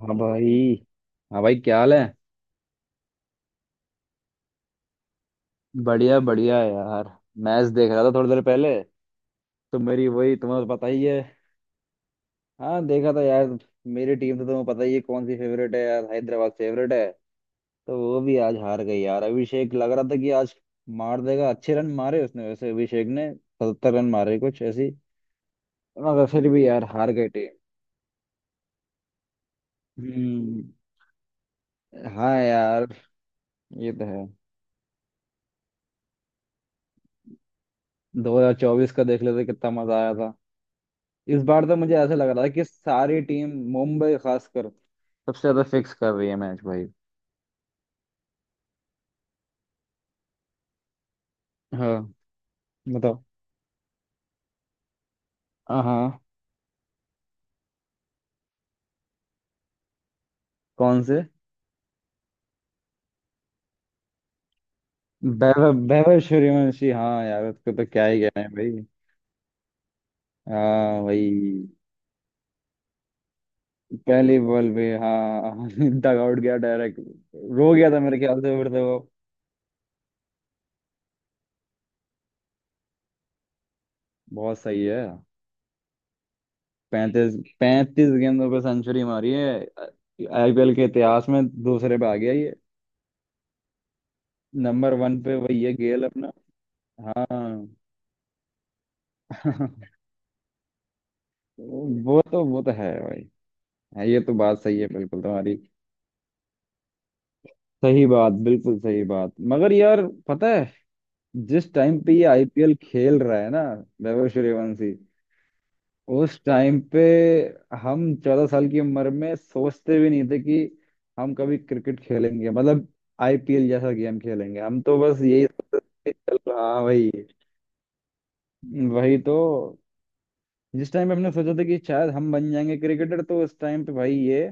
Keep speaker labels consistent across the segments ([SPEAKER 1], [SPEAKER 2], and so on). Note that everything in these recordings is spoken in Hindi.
[SPEAKER 1] हाँ भाई। हाँ भाई, क्या हाल है? बढ़िया बढ़िया है यार। मैच देख रहा था थोड़ी देर पहले, तो मेरी वही, तुम्हें तो पता ही है। हाँ, देखा था यार। मेरी टीम तो तुम्हें पता ही है कौन सी फेवरेट है यार, हैदराबाद फेवरेट है। तो वो भी आज हार गई यार। अभिषेक, लग रहा था कि आज मार देगा। अच्छे रन मारे उसने, वैसे अभिषेक ने 70 रन मारे कुछ ऐसी। मगर फिर भी यार, हार गई टीम। हम्म। हाँ यार, ये तो है। 2024 का देख लेते, कितना मजा आया था। इस बार तो मुझे ऐसा लग रहा था कि सारी टीम, मुंबई खासकर, सबसे ज्यादा फिक्स कर रही है मैच भाई। हाँ, बताओ। हाँ। कौन से? वैभव वैभव सूर्यवंशी। हाँ यार, उसको तो क्या ही कहना है भाई। हाँ भाई। पहली बॉल पे, हाँ। डग आउट गया डायरेक्ट। रो गया था मेरे ख्याल से फिर तो वो। बहुत सही है। पैंतीस 35 गेंदों पे सेंचुरी मारी है। आईपीएल के इतिहास में दूसरे पे आ गया ये। नंबर वन पे वही है गेल अपना। हाँ। वो तो है भाई। हाँ, ये तो बात सही है बिल्कुल तुम्हारी। सही बात, बिल्कुल सही बात। मगर यार पता है, जिस टाइम पे ये आईपीएल खेल रहा है ना, वैभव सूर्यवंशी, उस टाइम पे हम 14 साल की उम्र में सोचते भी नहीं थे कि हम कभी क्रिकेट खेलेंगे, मतलब आईपीएल जैसा गेम खेलेंगे। हम तो बस यही सोचते थे, चल हाँ भाई। वही तो। जिस टाइम पे हमने सोचा था कि शायद हम बन जाएंगे क्रिकेटर, तो उस टाइम पे भाई ये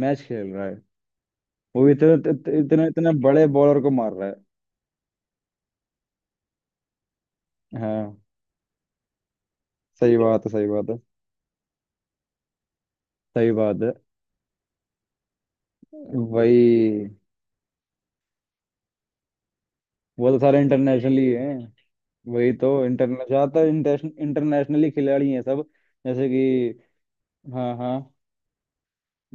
[SPEAKER 1] मैच खेल रहा है, वो इतने इतने इतने इतने बड़े बॉलर को मार रहा है। हाँ, सही बात है, सही बात है। सही बात है। वही। वो तो सारे इंटरनेशनली हैं। वही तो, इंटरनेशनल, ज्यादातर इंटरनेशनली खिलाड़ी हैं सब। जैसे कि। हाँ, हाँ।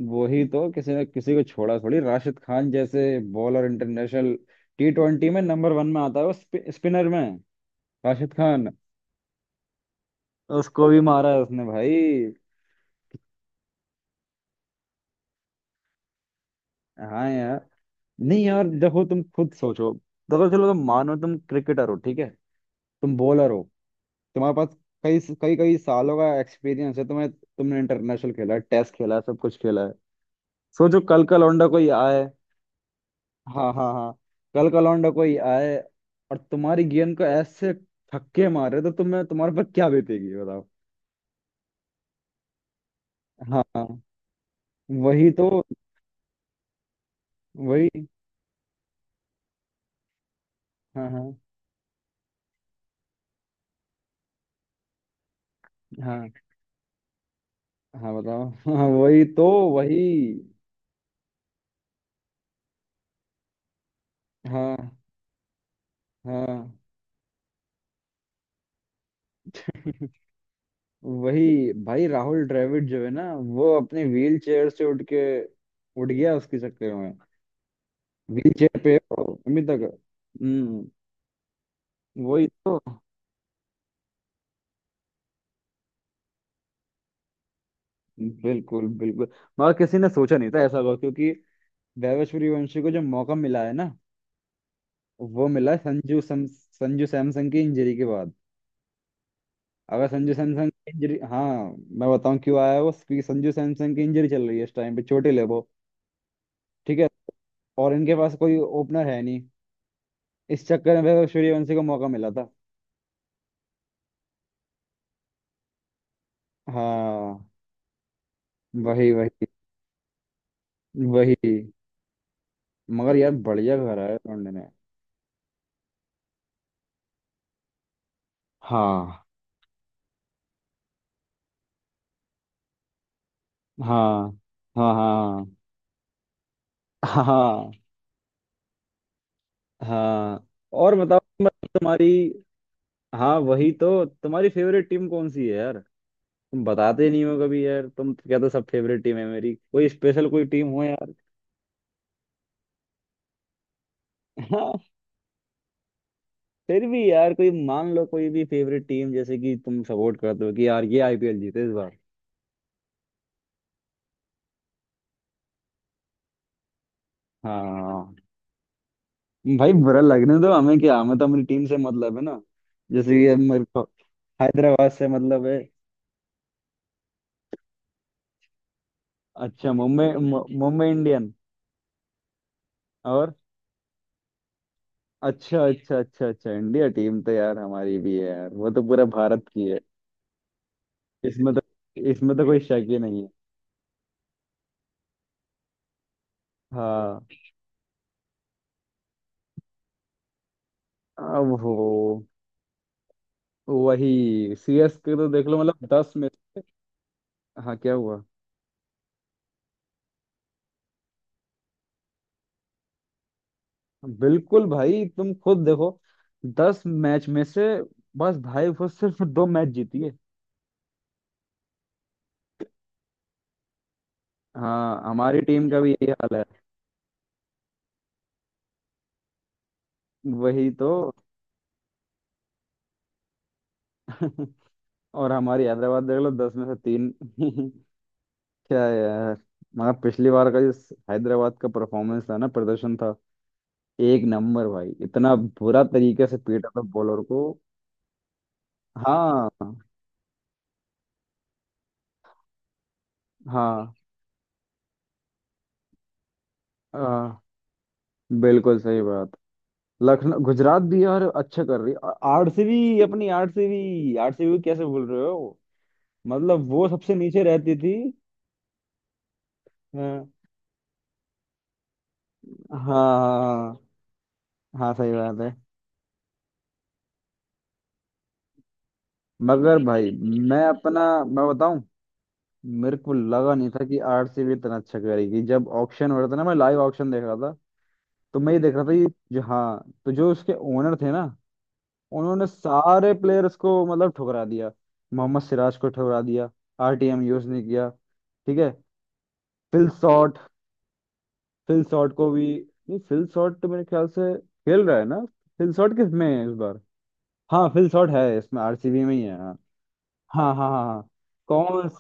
[SPEAKER 1] वही तो, किसी ने किसी को छोड़ा थोड़ी। राशिद खान जैसे बॉलर, इंटरनेशनल टी ट्वेंटी में नंबर वन में आता है वो, स्पिनर में, राशिद खान। उसको भी मारा है उसने भाई। हाँ यार। नहीं यार, देखो तुम खुद सोचो। देखो चलो, तुम मानो तुम क्रिकेटर हो, ठीक है। तुम बॉलर हो। तुम्हारे पास कई कई कई सालों का एक्सपीरियंस है, तुम्हें, तुमने इंटरनेशनल खेला है, टेस्ट खेला है, सब कुछ खेला है। सोचो कल का लौंडा कोई आए। हाँ, हाँ, हाँ। कल का लौंडा कोई आए और तुम्हारी गेंद को ऐसे छक्के मारे, तो तुम्हें, तुम्हारे पर क्या बीतेगी बताओ। हाँ हाँ, वही तो, वही। हाँ, हाँ, हाँ, हाँ, बताओ। हाँ, वही तो, वही। हाँ, हाँ। वही भाई, राहुल द्रविड़ जो है ना, वो अपने व्हील चेयर से उठ के उठ गया उसके चक्कर में। व्हील चेयर पे है वो अभी तक। हम्म। वही तो, बिल्कुल बिल्कुल। मगर किसी ने सोचा नहीं था ऐसा होगा, क्योंकि वैभव सूर्यवंशी को जो मौका मिला है ना, वो मिला है संजू सैमसन की इंजरी के बाद। अगर संजू सैमसन की इंजरी, हाँ। मैं बताऊं क्यों आया वो। क्योंकि संजू सैमसन की इंजरी चल रही है, इस टाइम पे चोटिल है वो, ठीक है। और इनके पास कोई ओपनर है नहीं। इस चक्कर में फिर सूर्यवंशी को मौका मिला था। हाँ, वही वही वही। मगर यार, बढ़िया घर है लौंडे ने। हाँ, हाँ, हाँ, हाँ, हाँ, हाँ। और बताओ, मतलब तुम्हारी, हाँ वही तो, तुम्हारी फेवरेट टीम कौन सी है यार। तुम बताते नहीं हो कभी यार, तुम तो कहते हो सब फेवरेट टीम है मेरी, कोई स्पेशल कोई टीम हो यार। हाँ, फिर भी यार कोई, मान लो कोई भी फेवरेट टीम जैसे कि तुम सपोर्ट करते हो कि यार ये आईपीएल जीते इस बार। हाँ हाँ, हाँ। भाई बुरा लगने दो, हमें क्या, हमें तो अपनी टीम से मतलब है ना। जैसे कि मेरे को हैदराबाद से मतलब है। अच्छा, मुंबई, मुंबई इंडियन। और। अच्छा, अच्छा, अच्छा, अच्छा, इंडिया टीम तो यार हमारी भी है यार, वो तो पूरा भारत की है। इसमें तो इसमें तो कोई शक ही नहीं है। हाँ। अब हो। वही सीएस के तो देख लो मतलब दस में से। हाँ, क्या हुआ? बिल्कुल भाई तुम खुद देखो, 10 मैच में से बस भाई वो सिर्फ 2 मैच जीती है। हाँ, हमारी टीम का भी यही हाल है। वही तो। और हमारी हैदराबाद देख लो, दस में से तीन। क्या है यार। मगर पिछली बार का जो हैदराबाद का परफॉर्मेंस था ना, प्रदर्शन था एक नंबर भाई, इतना बुरा तरीके से पीटा था बॉलर को। हाँ, हाँ, हाँ, बिल्कुल सही बात। लखनऊ गुजरात भी यार अच्छा कर रही। आरसीबी अपनी आरसीबी, आरसीबी कैसे बोल रहे हो मतलब, वो सबसे नीचे रहती थी। हाँ, हाँ, हाँ, हाँ, सही बात है। मगर भाई, मैं बताऊं। मेरे को लगा नहीं था कि आरसीबी इतना अच्छा करेगी। जब ऑक्शन हो रहा था ना, मैं लाइव ऑक्शन देख रहा था। तो मैं ये देख रहा था कि जो, हाँ, तो जो उसके ओनर थे ना, उन्होंने सारे प्लेयर्स को मतलब ठुकरा दिया। मोहम्मद सिराज को ठुकरा दिया। आरटीएम यूज नहीं किया, ठीक है। फिल शॉट, फिल शॉट को भी, नहीं, फिल शॉट तो मेरे ख्याल से खेल रहा है ना। फिल शॉट किस में है इस बार? हाँ, फिल शॉट है इसमें आरसीबी में ही है। हाँ, हाँ, हाँ, हाँ, हाँ। कौन?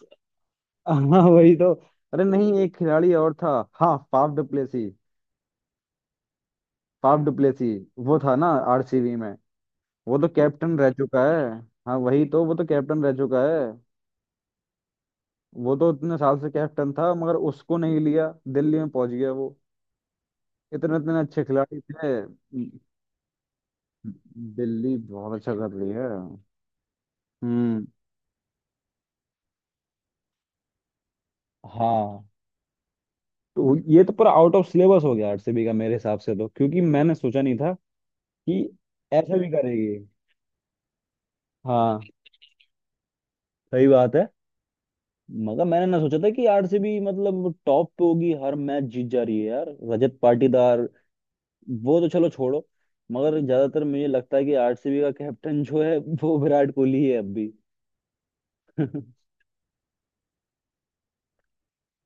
[SPEAKER 1] हाँ वही तो। अरे नहीं, एक खिलाड़ी और था। हाँ, फाफ डुप्लेसी। फाफ डुप्लेसी वो था ना आरसीबी में। वो तो कैप्टन रह चुका है। हाँ वही तो, वो तो कैप्टन रह चुका है। वो तो इतने साल से कैप्टन था, मगर उसको नहीं लिया, दिल्ली में पहुंच गया वो। इतने इतने अच्छे खिलाड़ी थे। दिल्ली बहुत अच्छा कर रही है। हम्म, हाँ। तो ये तो पूरा आउट ऑफ सिलेबस हो गया आरसीबी का, मेरे हिसाब से तो, क्योंकि मैंने सोचा नहीं था कि ऐसा भी करेगी। हाँ, सही बात है। मगर मैंने ना सोचा था कि आरसीबी मतलब टॉप पे होगी, हर मैच जीत जा रही है यार, रजत पाटीदार। वो तो चलो छोड़ो। मगर ज्यादातर मुझे लगता है कि आरसीबी का कैप्टन जो है, वो विराट कोहली ही है अब भी।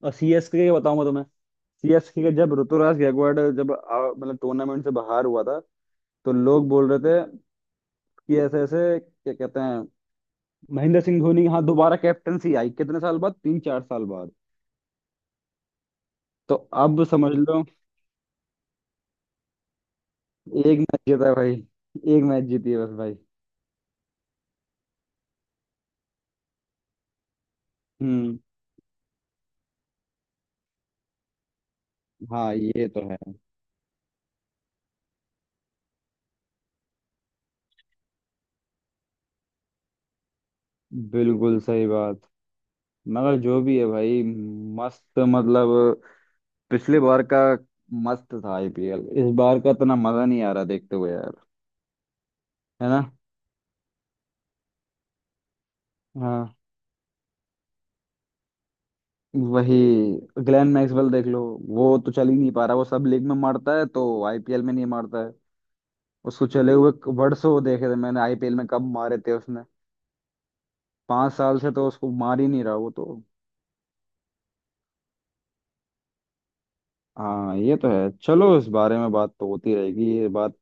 [SPEAKER 1] और सीएसके का बताऊं मैं तुम्हें। सीएसके का जब ऋतुराज गायकवाड़ जब मतलब टूर्नामेंट से बाहर हुआ था, तो लोग बोल रहे थे कि ऐसे ऐसे क्या कहते हैं, महेंद्र सिंह धोनी, यहाँ दोबारा कैप्टनसी आई कितने साल बाद, तीन चार साल बाद। तो अब समझ लो। एक मैच जीता है भाई, एक मैच जीती है बस भाई। हम्म, हाँ, ये तो है, बिल्कुल सही बात। मगर जो भी है भाई, मस्त मतलब पिछले बार का मस्त था आईपीएल, इस बार का इतना मजा नहीं आ रहा देखते हुए यार। है ना। हाँ, वही। ग्लेन मैक्सवेल देख लो, वो तो चल ही नहीं पा रहा, वो सब लीग में मारता है तो आईपीएल में नहीं मारता है। उसको चले हुए वर्षों देखे थे मैंने, आईपीएल में कब मारे थे उसने। 5 साल से तो उसको मार ही नहीं रहा वो तो। हाँ, ये तो है, चलो इस बारे में बात तो होती रहेगी ये बात।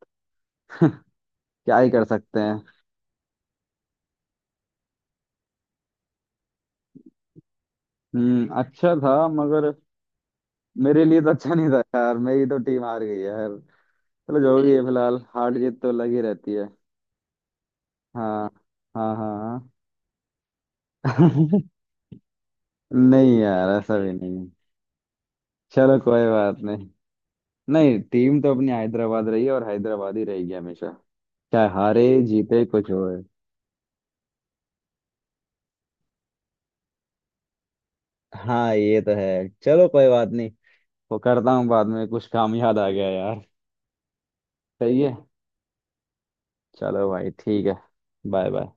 [SPEAKER 1] क्या ही कर सकते हैं। हम्म, अच्छा था मगर, मेरे लिए तो अच्छा नहीं था यार, मेरी तो टीम हार गई है यार। चलो जो भी है, फिलहाल हार जीत तो लगी रहती है। हाँ, हाँ, हाँ। हाँ। नहीं यार, ऐसा भी नहीं। चलो कोई बात नहीं। नहीं, टीम तो अपनी हैदराबाद रही है और हैदराबाद ही रहेगी हमेशा, चाहे हारे जीते कुछ होए। हाँ, ये तो है, चलो कोई बात नहीं। वो करता हूँ बाद में, कुछ काम याद आ गया यार। सही है। चलो भाई, ठीक है। Bye bye.